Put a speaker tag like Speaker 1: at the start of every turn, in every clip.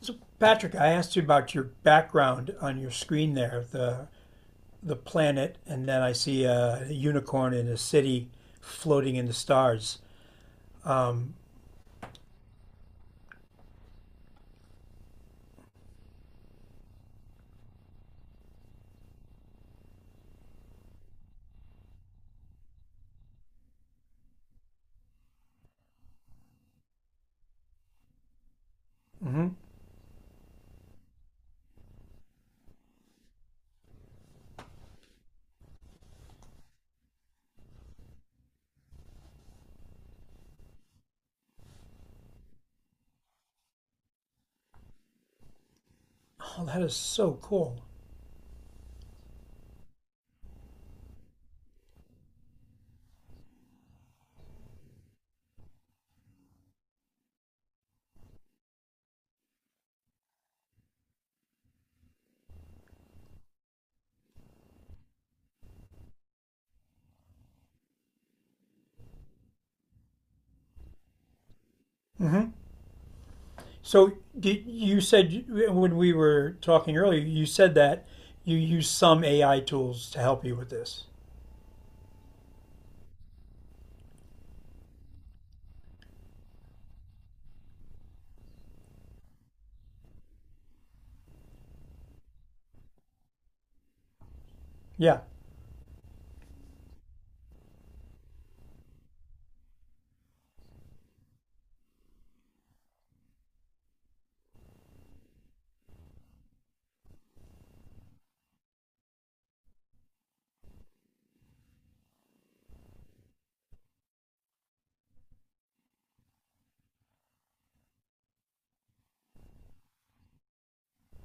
Speaker 1: So Patrick, I asked you about your background on your screen there, the planet, and then I see a unicorn in a city floating in the stars. Hmm. Oh, that is so cool. Hmm. So you said when we were talking earlier, you said that you use some AI tools to help you with this. Yeah.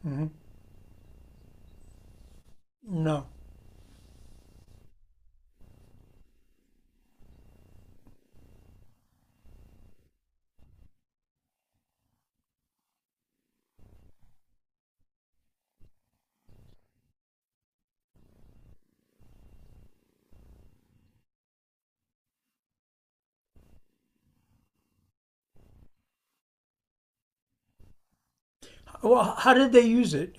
Speaker 1: Hmm. No. Well, how did they use it?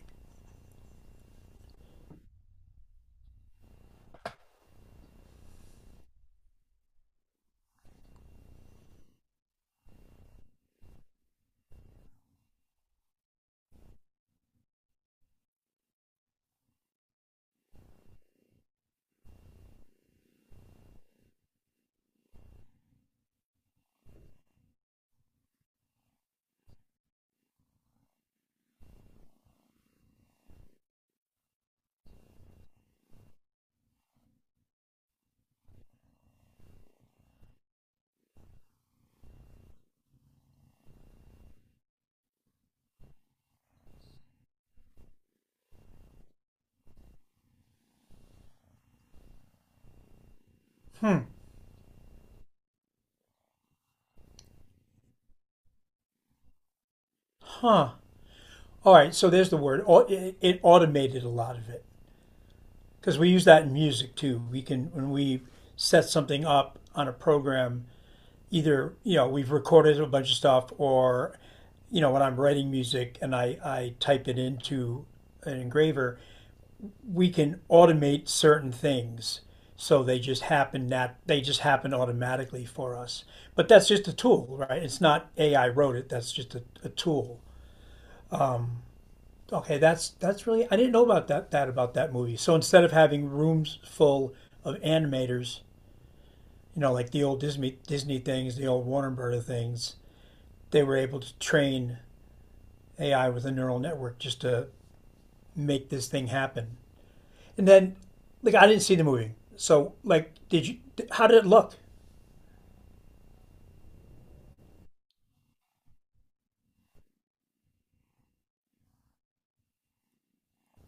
Speaker 1: Huh. All right. So there's the word. It automated a lot of it, because we use that in music too. We can, when we set something up on a program, either you know we've recorded a bunch of stuff, or you know when I'm writing music and I type it into an engraver, we can automate certain things so they just happen automatically for us. But that's just a tool, right? It's not AI wrote it. That's just a tool. Okay, that's really, I didn't know about that about that movie. So instead of having rooms full of animators, you know, like the old Disney things, the old Warner Brother things, they were able to train AI with a neural network just to make this thing happen. And then, like, I didn't see the movie, so like, did you? How did it look?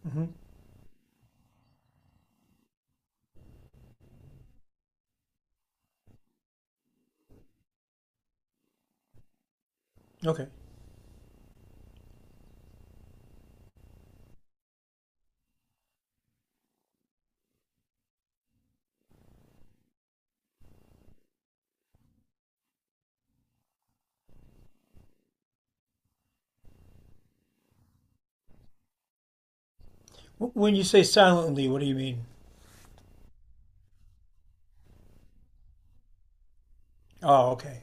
Speaker 1: Hmm. Okay. W- When you say silently, what do you mean? Oh, okay.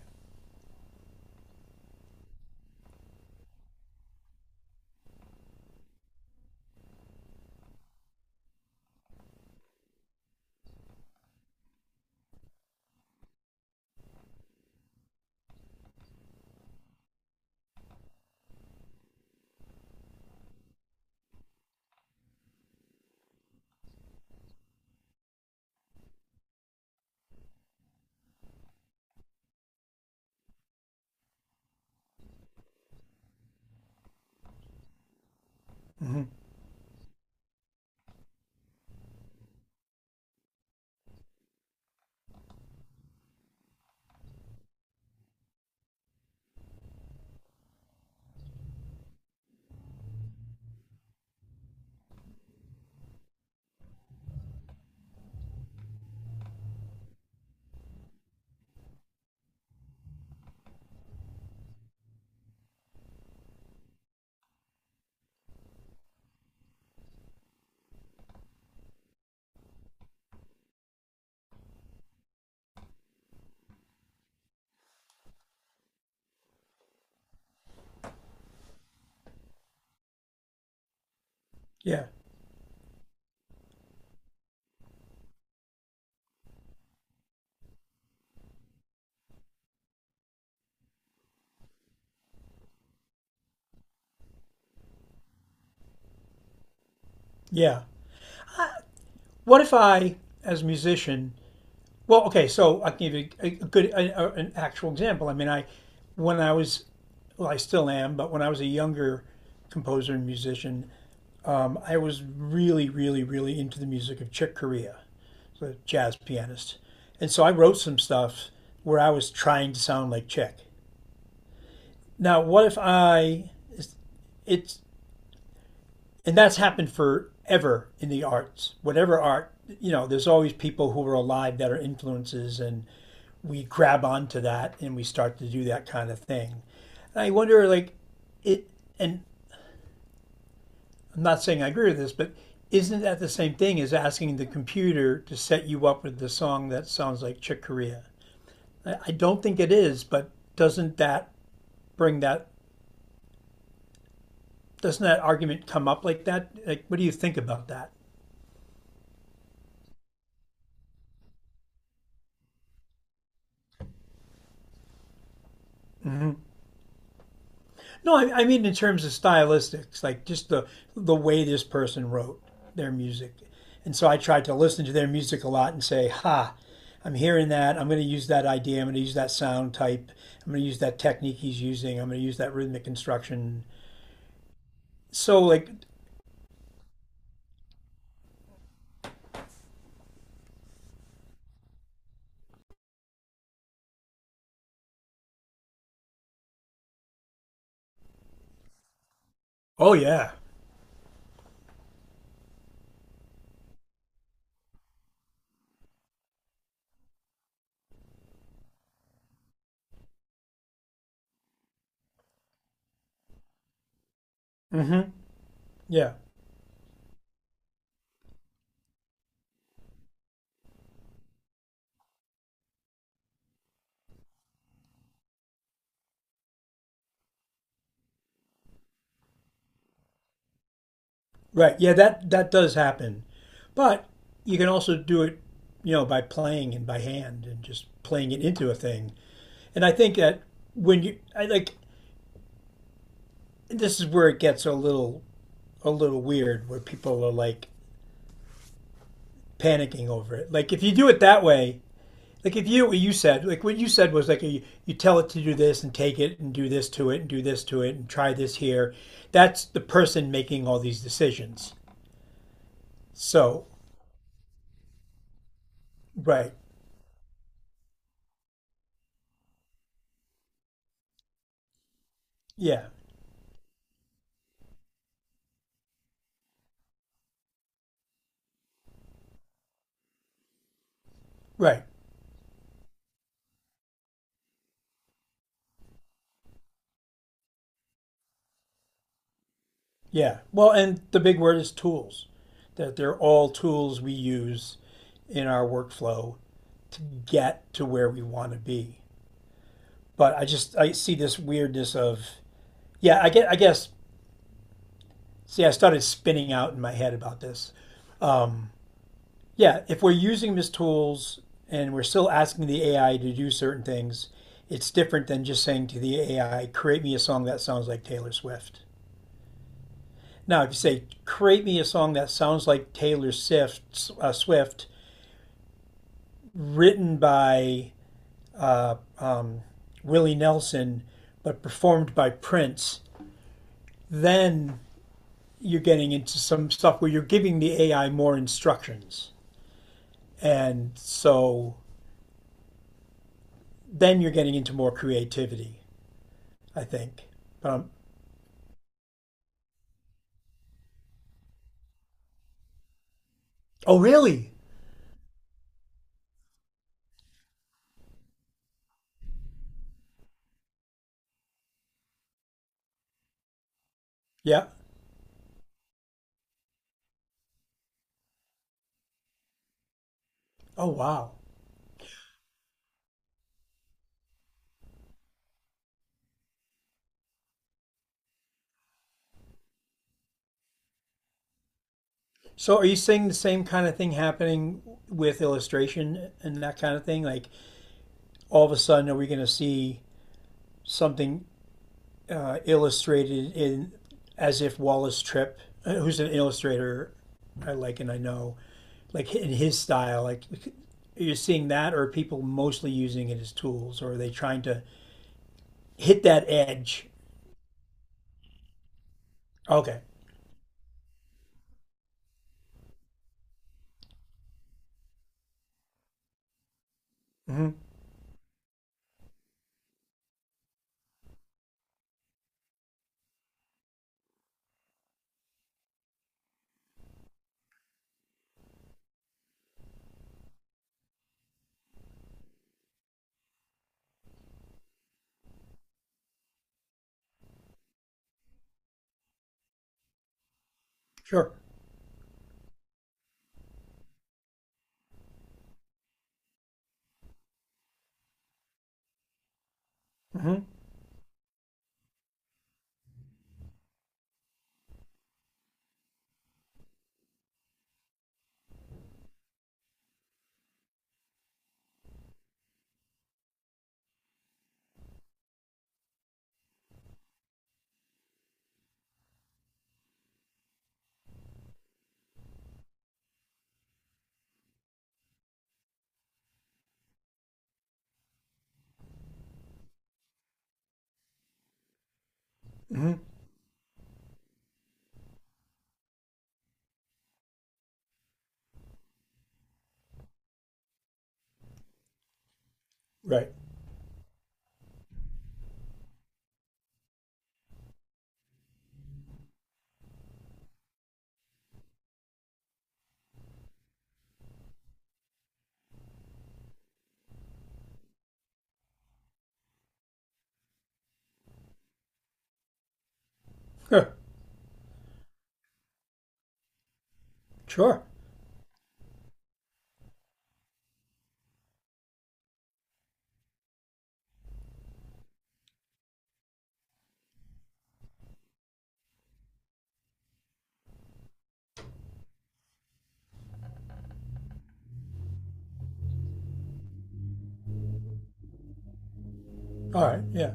Speaker 1: Hmm. Yeah, yeah. What if I, as a musician, well, okay, so I can give you a good, a- an actual example. I mean, I, when I was, well, I still am, but when I was a younger composer and musician, I was really, really, really into the music of Chick Corea, the jazz pianist, and so I wrote some stuff where I was trying to sound like Chick. Now, what if I? It's, and that's happened forever in the arts, whatever art. You know, there's always people who are alive that are influences and we grab onto that and we start to do that kind of thing. And I wonder, like, it, and I'm not saying I agree with this, but isn't that the same thing as asking the computer to set you up with the song that sounds like Chick Corea? I don't think it is, but doesn't that bring that, doesn't that argument come up like that? Like, what do you think about that? No, I mean in terms of stylistics, like just the way this person wrote their music. And so I tried to listen to their music a lot and say, "Ha, I'm hearing that. I'm going to use that idea. I'm going to use that sound type. I'm going to use that technique he's using. I'm going to use that rhythmic construction." So like, oh yeah. Mm-hmm, yeah, right, yeah, that does happen, but you can also do it, you know, by playing and by hand and just playing it into a thing. And I think that when you, I like, this is where it gets a little weird where people are like panicking over it. Like if you do it that way, like if you, what you said, like what you said was like you tell it to do this and take it and do this to it and do this to it and try this here. That's the person making all these decisions. So, right. Yeah. Right. Yeah. Well, and the big word is tools. That they're all tools we use in our workflow to get to where we want to be. But I just I see this weirdness of, yeah. I get, I guess, see I started spinning out in my head about this. Yeah, if we're using them tools and we're still asking the AI to do certain things, it's different than just saying to the AI, create me a song that sounds like Taylor Swift. Now, if you say, create me a song that sounds like Taylor Swift, Swift written by uh, um, Willie Nelson, but performed by Prince, then you're getting into some stuff where you're giving the AI more instructions. And so then you're getting into more creativity, I think. Um, oh, really? Yeah. Oh, wow. So are you seeing the same kind of thing happening with illustration and that kind of thing? Like all of a sudden, are we going to see something illustrated in, as if Wallace Tripp, who's an illustrator I like and I know, like in his style, like you are seeing that, or are people mostly using it as tools, or are they trying to hit that edge? Okay, hmm, sure, hmm, hmm, right, huh, sure, all right, yeah.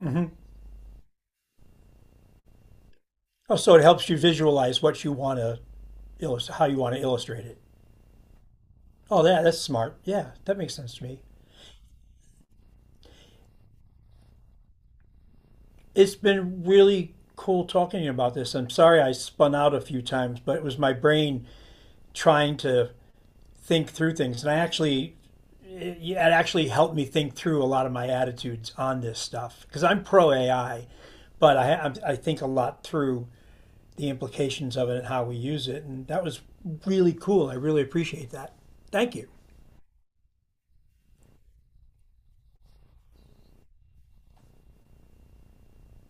Speaker 1: Hmm. Oh, so it helps you visualize what you want to illustrate, how you want to illustrate it. Oh, yeah, that's smart. Yeah, that makes sense to me. It's been really cool talking about this. I'm sorry I spun out a few times, but it was my brain trying to think through things and I actually, it actually helped me think through a lot of my attitudes on this stuff because I'm pro AI, but I think a lot through the implications of it and how we use it and that was really cool. I really appreciate that. Thank you.